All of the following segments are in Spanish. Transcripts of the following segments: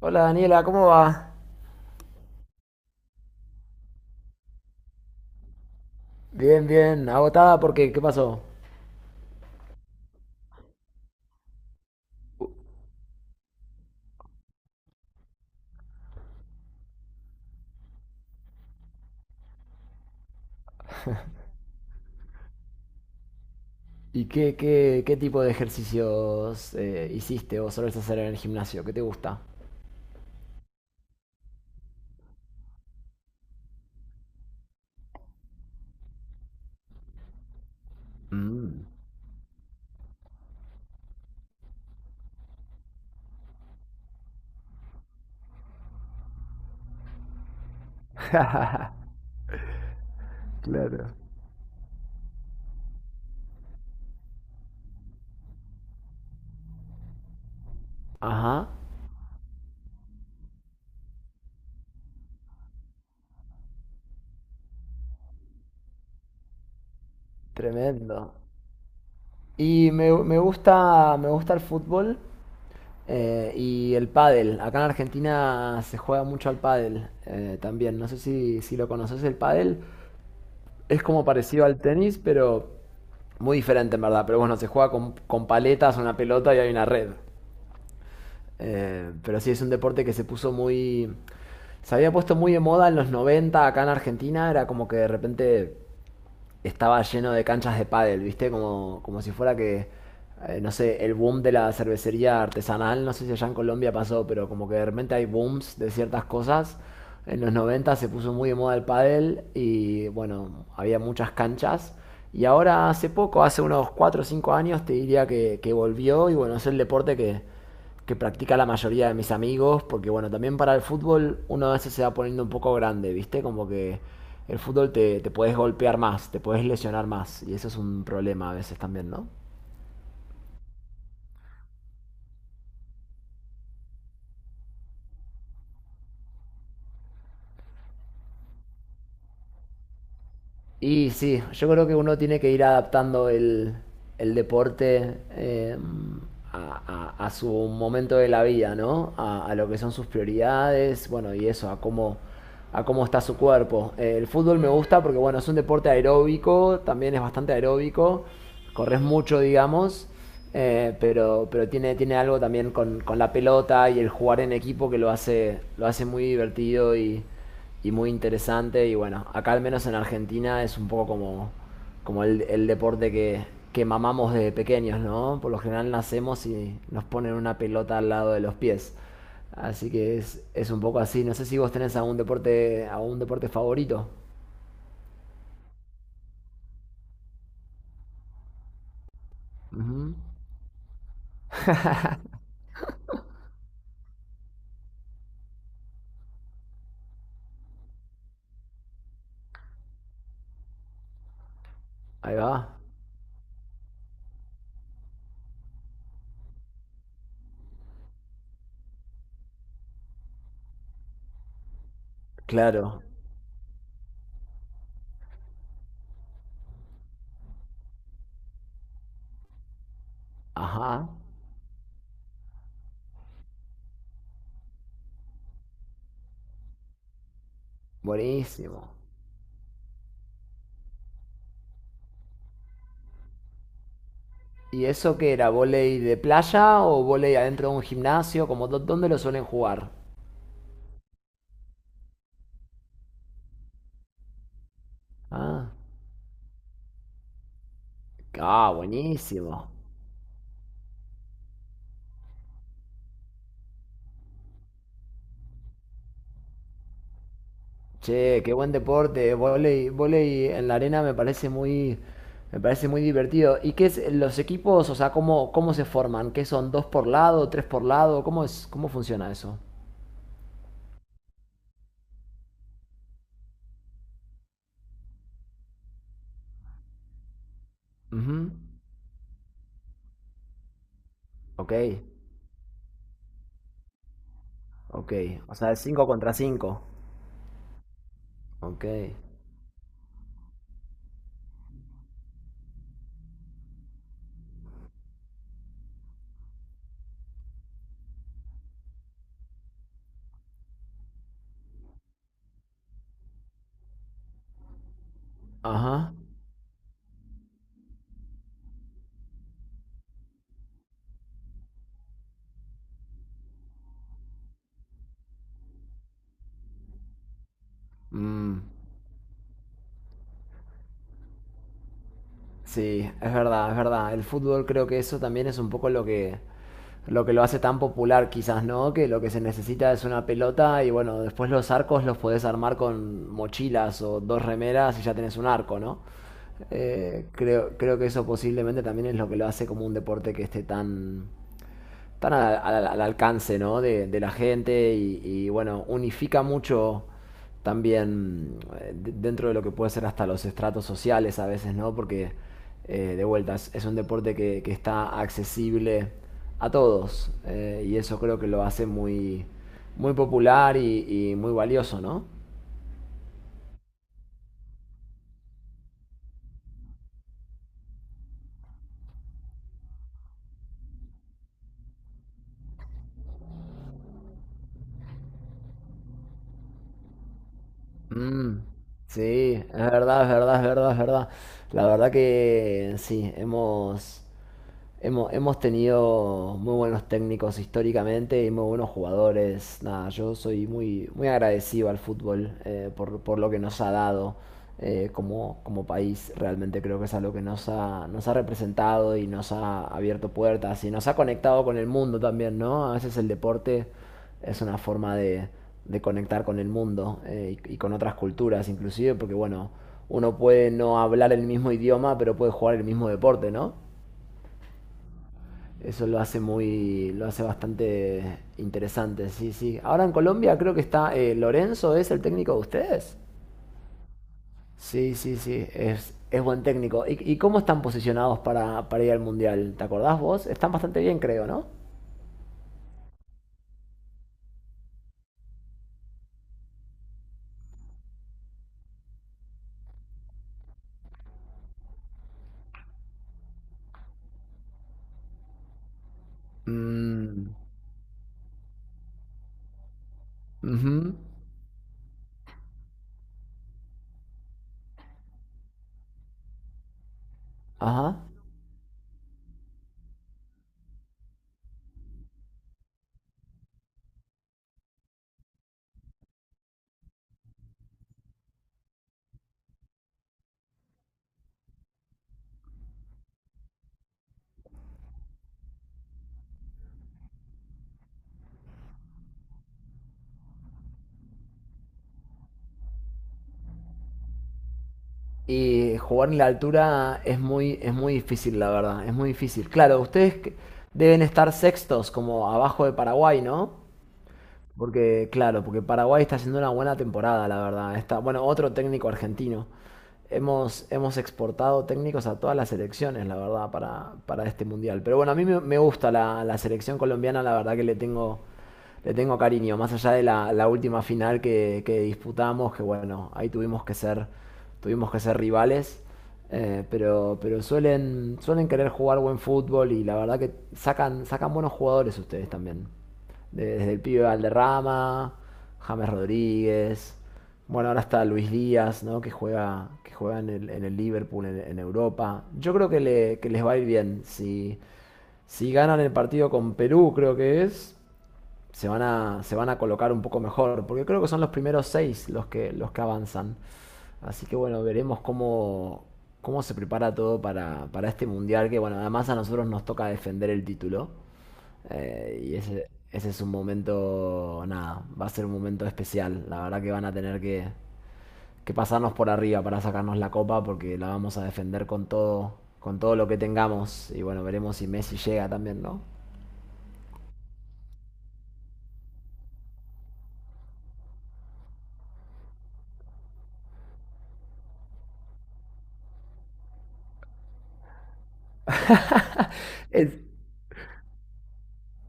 Hola Daniela, ¿cómo va? Bien, bien, agotada porque ¿qué pasó? ¿Y qué tipo de ejercicios hiciste o solés hacer en el gimnasio? ¿Qué te gusta? Mm. Claro. Ajá, tremendo. Y me gusta, me gusta el fútbol y el pádel. Acá en Argentina se juega mucho al pádel también. No sé si lo conoces el pádel. Es como parecido al tenis, pero muy diferente en verdad. Pero bueno, se juega con paletas, una pelota y hay una red. Pero sí, es un deporte que se puso muy. Se había puesto muy de moda en los 90 acá en Argentina. Era como que de repente estaba lleno de canchas de pádel, ¿viste? Como si fuera que, no sé, el boom de la cervecería artesanal, no sé si allá en Colombia pasó, pero como que de repente hay booms de ciertas cosas. En los 90 se puso muy de moda el pádel y bueno, había muchas canchas. Y ahora hace poco, hace unos 4 o 5 años, te diría que volvió y bueno, es el deporte que practica la mayoría de mis amigos, porque bueno, también para el fútbol uno a veces se va poniendo un poco grande, ¿viste? Como que el fútbol te puedes golpear más, te puedes lesionar más, y eso es un problema a veces también, ¿no? Y sí, yo creo que uno tiene que ir adaptando el deporte a su momento de la vida, ¿no? A lo que son sus prioridades, bueno, y eso, a cómo está su cuerpo. El fútbol me gusta porque, bueno, es un deporte aeróbico, también es bastante aeróbico, corres mucho, digamos, pero tiene algo también con la pelota y el jugar en equipo que lo hace muy divertido y muy interesante. Y bueno, acá al menos en Argentina es un poco como el deporte que mamamos desde pequeños, ¿no? Por lo general nacemos y nos ponen una pelota al lado de los pies. Así que es un poco así. No sé si vos tenés algún deporte favorito. Ujú. Ahí va. Claro. Ajá. Buenísimo. ¿Y eso qué era? ¿Voley de playa o voley adentro de un gimnasio? Como, ¿dónde lo suelen jugar? Ah, ah, buenísimo. Che, qué buen deporte, volei, volei en la arena me parece muy divertido. ¿Y qué es los equipos? O sea, ¿cómo se forman? ¿Qué son? ¿Dos por lado? ¿Tres por lado? Cómo funciona eso? Ujú. Ok, ok. O sea, es cinco contra cinco. Ok. Ajá. Mm. Sí, es verdad, es verdad. El fútbol creo que eso también es un poco lo que lo hace tan popular quizás, ¿no? Que lo que se necesita es una pelota y bueno, después los arcos los podés armar con mochilas o dos remeras y ya tenés un arco, ¿no? Creo que eso posiblemente también es lo que lo hace como un deporte que están al alcance ¿no? de la gente y, bueno, unifica mucho también dentro de lo que puede ser hasta los estratos sociales a veces, ¿no? Porque de vuelta es un deporte que está accesible a todos y eso creo que lo hace muy, muy popular y muy valioso, ¿no? Mm, sí, es verdad, es verdad, es verdad, es verdad. La verdad que sí, hemos. Hemos tenido muy buenos técnicos históricamente y muy buenos jugadores. Nada, yo soy muy, muy agradecido al fútbol por lo que nos ha dado como país. Realmente creo que es algo que nos ha representado y nos ha abierto puertas y nos ha conectado con el mundo también, ¿no? A veces el deporte es una forma de conectar con el mundo y con otras culturas inclusive, porque bueno, uno puede no hablar el mismo idioma, pero puede jugar el mismo deporte, ¿no? Eso lo hace bastante interesante, sí, sí. Ahora en Colombia creo que está Lorenzo, ¿es el técnico de ustedes? Sí, sí, sí, es buen técnico. ¿Y cómo están posicionados para ir al Mundial? ¿Te acordás vos? Están bastante bien, creo, ¿no? Mm, ujú. Ajá. Y jugar en la altura es muy difícil, la verdad, es muy difícil. Claro, ustedes deben estar sextos, como abajo de Paraguay, ¿no? Porque, claro, porque Paraguay está haciendo una buena temporada, la verdad. Está, bueno, otro técnico argentino. Hemos exportado técnicos a todas las selecciones, la verdad, para este mundial. Pero bueno, a mí me gusta la selección colombiana, la verdad que le tengo cariño. Más allá de la última final que disputamos, que bueno, ahí tuvimos que ser rivales. Pero suelen querer jugar buen fútbol y la verdad que sacan buenos jugadores ustedes también desde el pibe Valderrama, James Rodríguez, bueno, ahora está Luis Díaz, ¿no? Que juega en el Liverpool, en Europa. Yo creo que les va a ir bien. Si, si ganan el partido con Perú, creo que se van a colocar un poco mejor, porque creo que son los primeros seis los que avanzan. Así que bueno, veremos cómo se prepara todo para este mundial, que bueno, además a nosotros nos toca defender el título. Y ese es un momento, nada, va a ser un momento especial. La verdad que van a tener que pasarnos por arriba para sacarnos la copa, porque la vamos a defender con todo lo que tengamos. Y bueno, veremos si Messi llega también, ¿no? El,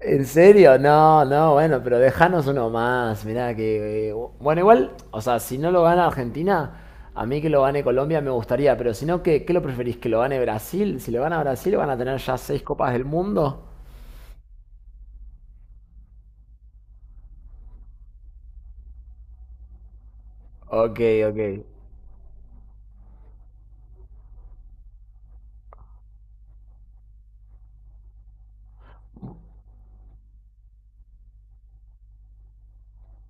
¿En serio? No, no, bueno, pero dejanos uno más. Mirá que. Bueno, igual, o sea, si no lo gana Argentina, a mí que lo gane Colombia me gustaría, pero si no, ¿qué lo preferís? ¿Que lo gane Brasil? Si lo gana Brasil, van a tener ya seis copas del mundo. Ok, ok.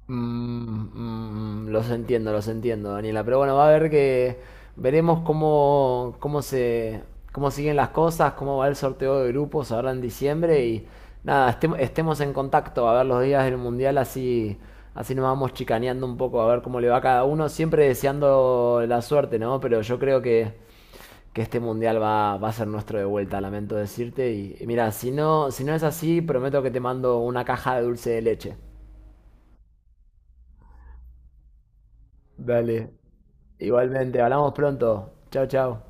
Mm, mm, mm, los entiendo, Daniela. Pero bueno, va a haber que. Veremos cómo siguen las cosas, cómo va el sorteo de grupos ahora en diciembre. Y nada, estemos en contacto a ver los días del mundial, así nos vamos chicaneando un poco, a ver cómo le va a cada uno. Siempre deseando la suerte, ¿no? Pero yo creo que este mundial va a ser nuestro de vuelta, lamento decirte. Y mira, si no es así, prometo que te mando una caja de dulce de leche. Dale. Igualmente, hablamos pronto. Chao, chao.